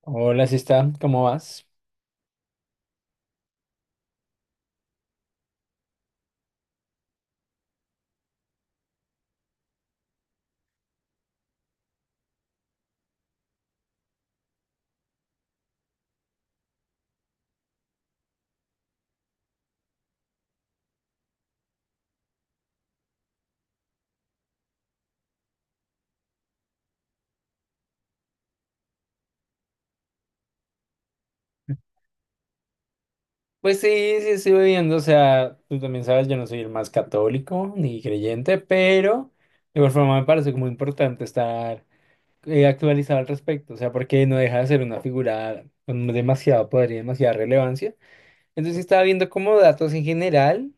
Hola, sí está, ¿cómo vas? Pues sí, sí estoy viendo. O sea, tú también sabes, yo no soy el más católico ni creyente, pero de igual forma me parece como importante estar actualizado al respecto, o sea, porque no deja de ser una figura con demasiado poder y demasiada relevancia. Entonces sí estaba viendo como datos en general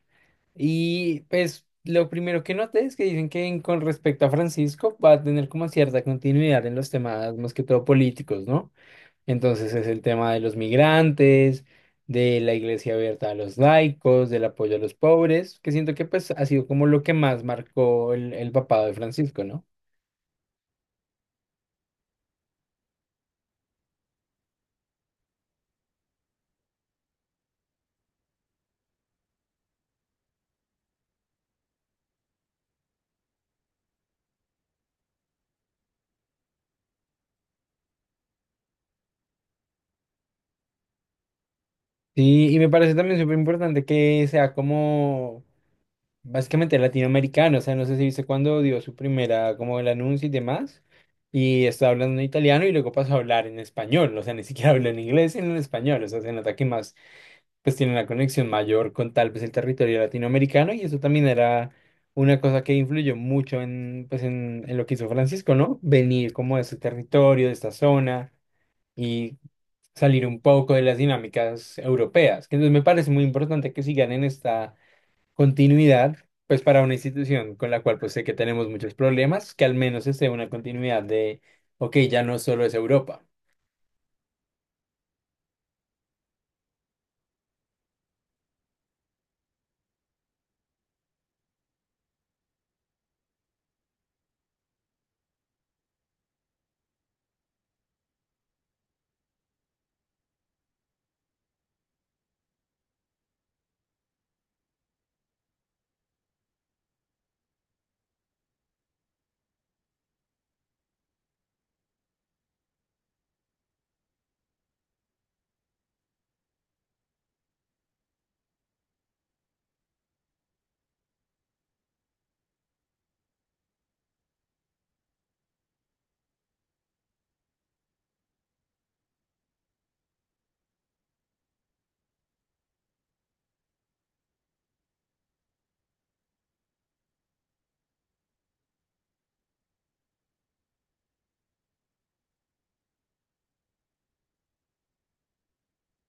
y pues lo primero que noté es que dicen que con respecto a Francisco va a tener como cierta continuidad en los temas más que todo políticos, ¿no? Entonces es el tema de los migrantes, de la iglesia abierta a los laicos, del apoyo a los pobres, que siento que pues ha sido como lo que más marcó el papado de Francisco, ¿no? Sí, y me parece también súper importante que sea como básicamente latinoamericano, o sea, no sé si viste cuando dio su primera, como el anuncio y demás, y estaba hablando en italiano y luego pasó a hablar en español, o sea, ni siquiera habló en inglés, sino en español, o sea, se nota que más pues tiene una conexión mayor con tal vez el territorio latinoamericano y eso también era una cosa que influyó mucho en lo que hizo Francisco, ¿no? Venir como de ese territorio, de esta zona y salir un poco de las dinámicas europeas, que entonces me parece muy importante que sigan en esta continuidad, pues para una institución con la cual pues sé que tenemos muchos problemas, que al menos esté una continuidad de, ok, ya no solo es Europa.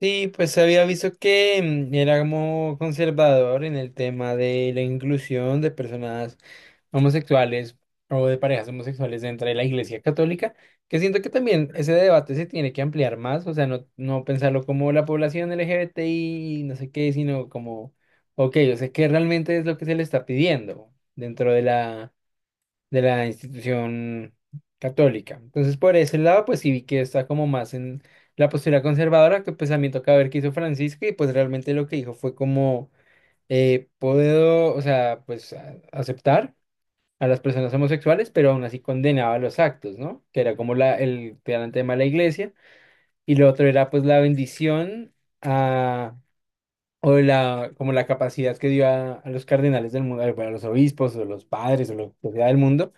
Sí, pues había visto que era como conservador en el tema de la inclusión de personas homosexuales o de parejas homosexuales dentro de la Iglesia Católica, que siento que también ese debate se tiene que ampliar más, o sea, no pensarlo como la población LGBTI, no sé qué, sino como, ok, yo sé qué realmente es lo que se le está pidiendo dentro de la institución católica. Entonces, por ese lado, pues sí vi que está como más en la postura conservadora, que pues a mí toca ver qué hizo Francisco y pues realmente lo que dijo fue como, puedo, o sea, pues aceptar a las personas homosexuales, pero aún así condenaba los actos, ¿no? Que era como el gran tema de la iglesia. Y lo otro era pues la bendición a... O la, como la capacidad que dio a los cardenales del mundo, bueno, a los obispos o los padres o lo que sea del mundo,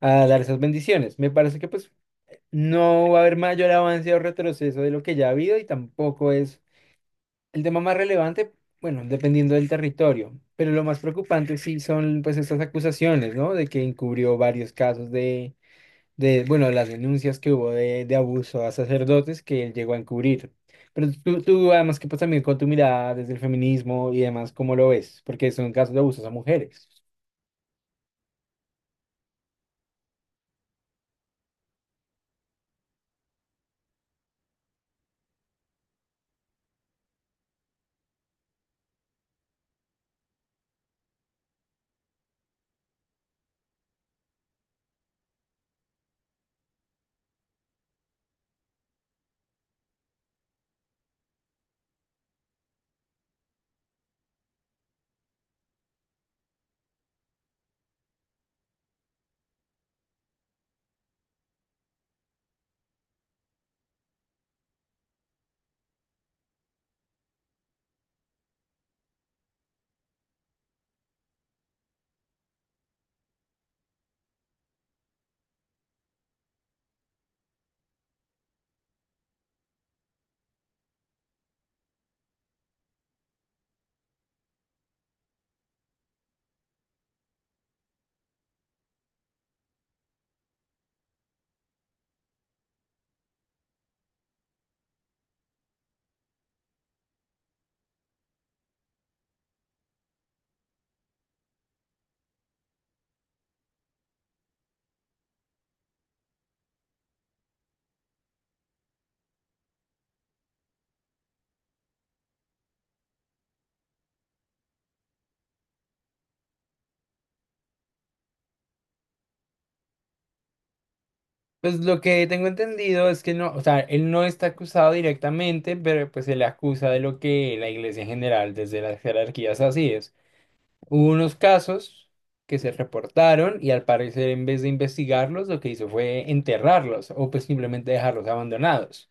a dar esas bendiciones. Me parece que pues no va a haber mayor avance o retroceso de lo que ya ha habido y tampoco es el tema más relevante, bueno, dependiendo del territorio. Pero lo más preocupante sí son pues estas acusaciones, ¿no? De que encubrió varios casos de bueno, las denuncias que hubo de abuso a sacerdotes que él llegó a encubrir. Pero tú, además que pues también con tu mirada desde el feminismo y demás, ¿cómo lo ves? Porque son casos de abusos a mujeres. Pues lo que tengo entendido es que no, o sea, él no está acusado directamente, pero pues se le acusa de lo que la iglesia en general, desde las jerarquías así es. Hubo unos casos que se reportaron y al parecer en vez de investigarlos, lo que hizo fue enterrarlos o pues simplemente dejarlos abandonados.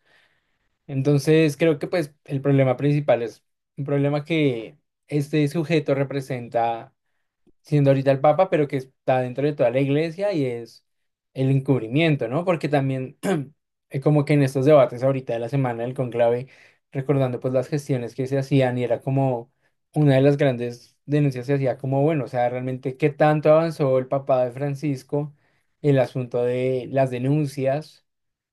Entonces creo que pues el problema principal es un problema que este sujeto representa siendo ahorita el Papa, pero que está dentro de toda la iglesia y es el encubrimiento, ¿no? Porque también como que en estos debates ahorita de la semana del conclave, recordando pues las gestiones que se hacían y era como una de las grandes denuncias se hacía como, bueno, o sea, realmente qué tanto avanzó el papá de Francisco, el asunto de las denuncias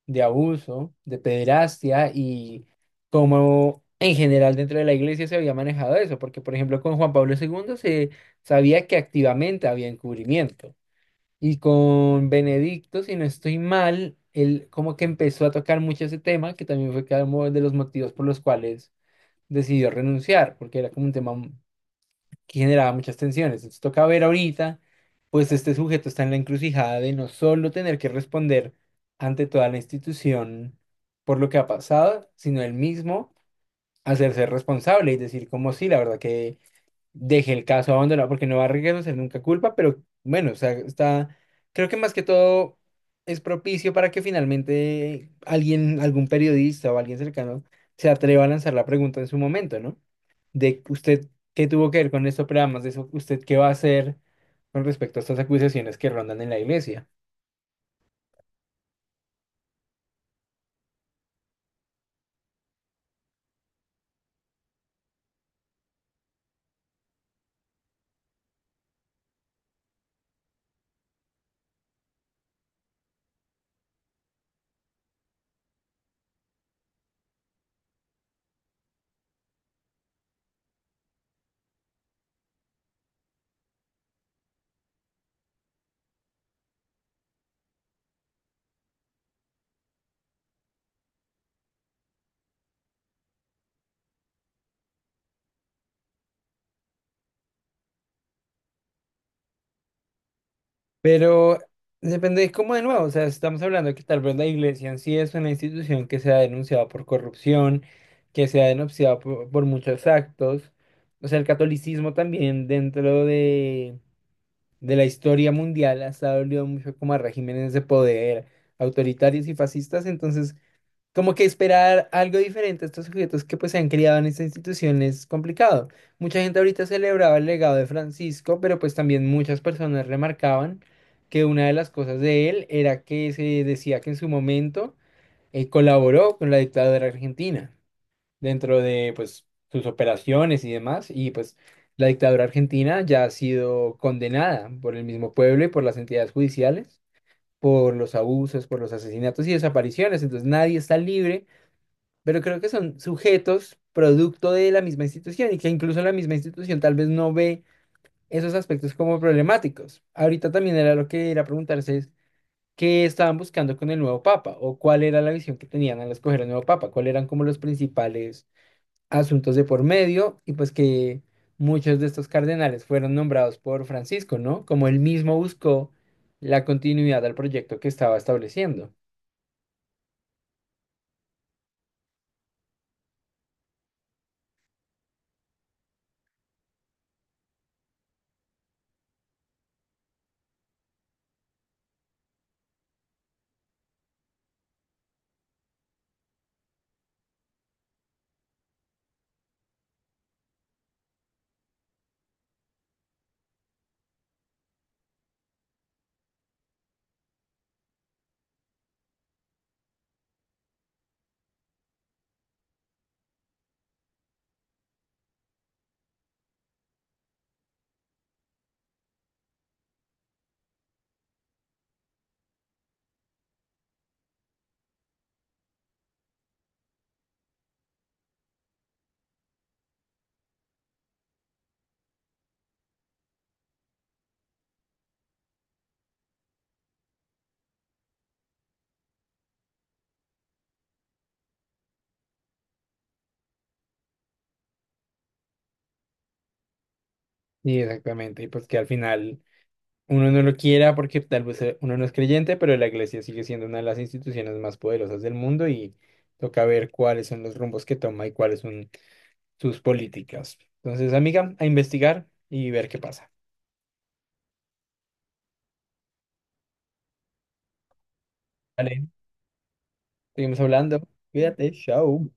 de abuso, de pederastia y cómo en general dentro de la iglesia se había manejado eso, porque por ejemplo con Juan Pablo segundo se sabía que activamente había encubrimiento y con Benedicto, si no estoy mal, él como que empezó a tocar mucho ese tema, que también fue como de los motivos por los cuales decidió renunciar, porque era como un tema que generaba muchas tensiones. Entonces toca ver ahorita, pues este sujeto está en la encrucijada de no solo tener que responder ante toda la institución por lo que ha pasado, sino él mismo hacerse responsable y decir como sí, la verdad que deje el caso abandonado, porque no va a reconocer nunca culpa, pero bueno, o sea, está, creo que más que todo es propicio para que finalmente alguien, algún periodista o alguien cercano se atreva a lanzar la pregunta en su momento, ¿no? De usted qué tuvo que ver con esto, pero además de eso, usted qué va a hacer con respecto a estas acusaciones que rondan en la iglesia. Pero depende es como de nuevo, o sea, estamos hablando que tal vez la iglesia en sí es una institución que se ha denunciado por corrupción, que se ha denunciado por muchos actos. O sea, el catolicismo también dentro de la historia mundial ha estado unido mucho como a regímenes de poder autoritarios y fascistas. Entonces, como que esperar algo diferente a estos sujetos que pues se han criado en esta institución es complicado. Mucha gente ahorita celebraba el legado de Francisco, pero pues también muchas personas remarcaban que una de las cosas de él era que se decía que en su momento colaboró con la dictadura argentina dentro de pues sus operaciones y demás, y pues la dictadura argentina ya ha sido condenada por el mismo pueblo y por las entidades judiciales por los abusos, por los asesinatos y desapariciones, entonces nadie está libre pero creo que son sujetos producto de la misma institución y que incluso la misma institución tal vez no ve esos aspectos como problemáticos. Ahorita también era lo que era preguntarse es qué estaban buscando con el nuevo papa o cuál era la visión que tenían al escoger el nuevo papa, cuáles eran como los principales asuntos de por medio y pues que muchos de estos cardenales fueron nombrados por Francisco, ¿no? Como él mismo buscó la continuidad al proyecto que estaba estableciendo. Sí, exactamente, y pues que al final uno no lo quiera porque tal vez uno no es creyente, pero la iglesia sigue siendo una de las instituciones más poderosas del mundo y toca ver cuáles son los rumbos que toma y cuáles son sus políticas. Entonces, amiga, a investigar y ver qué pasa. Vale, seguimos hablando. Cuídate, chao.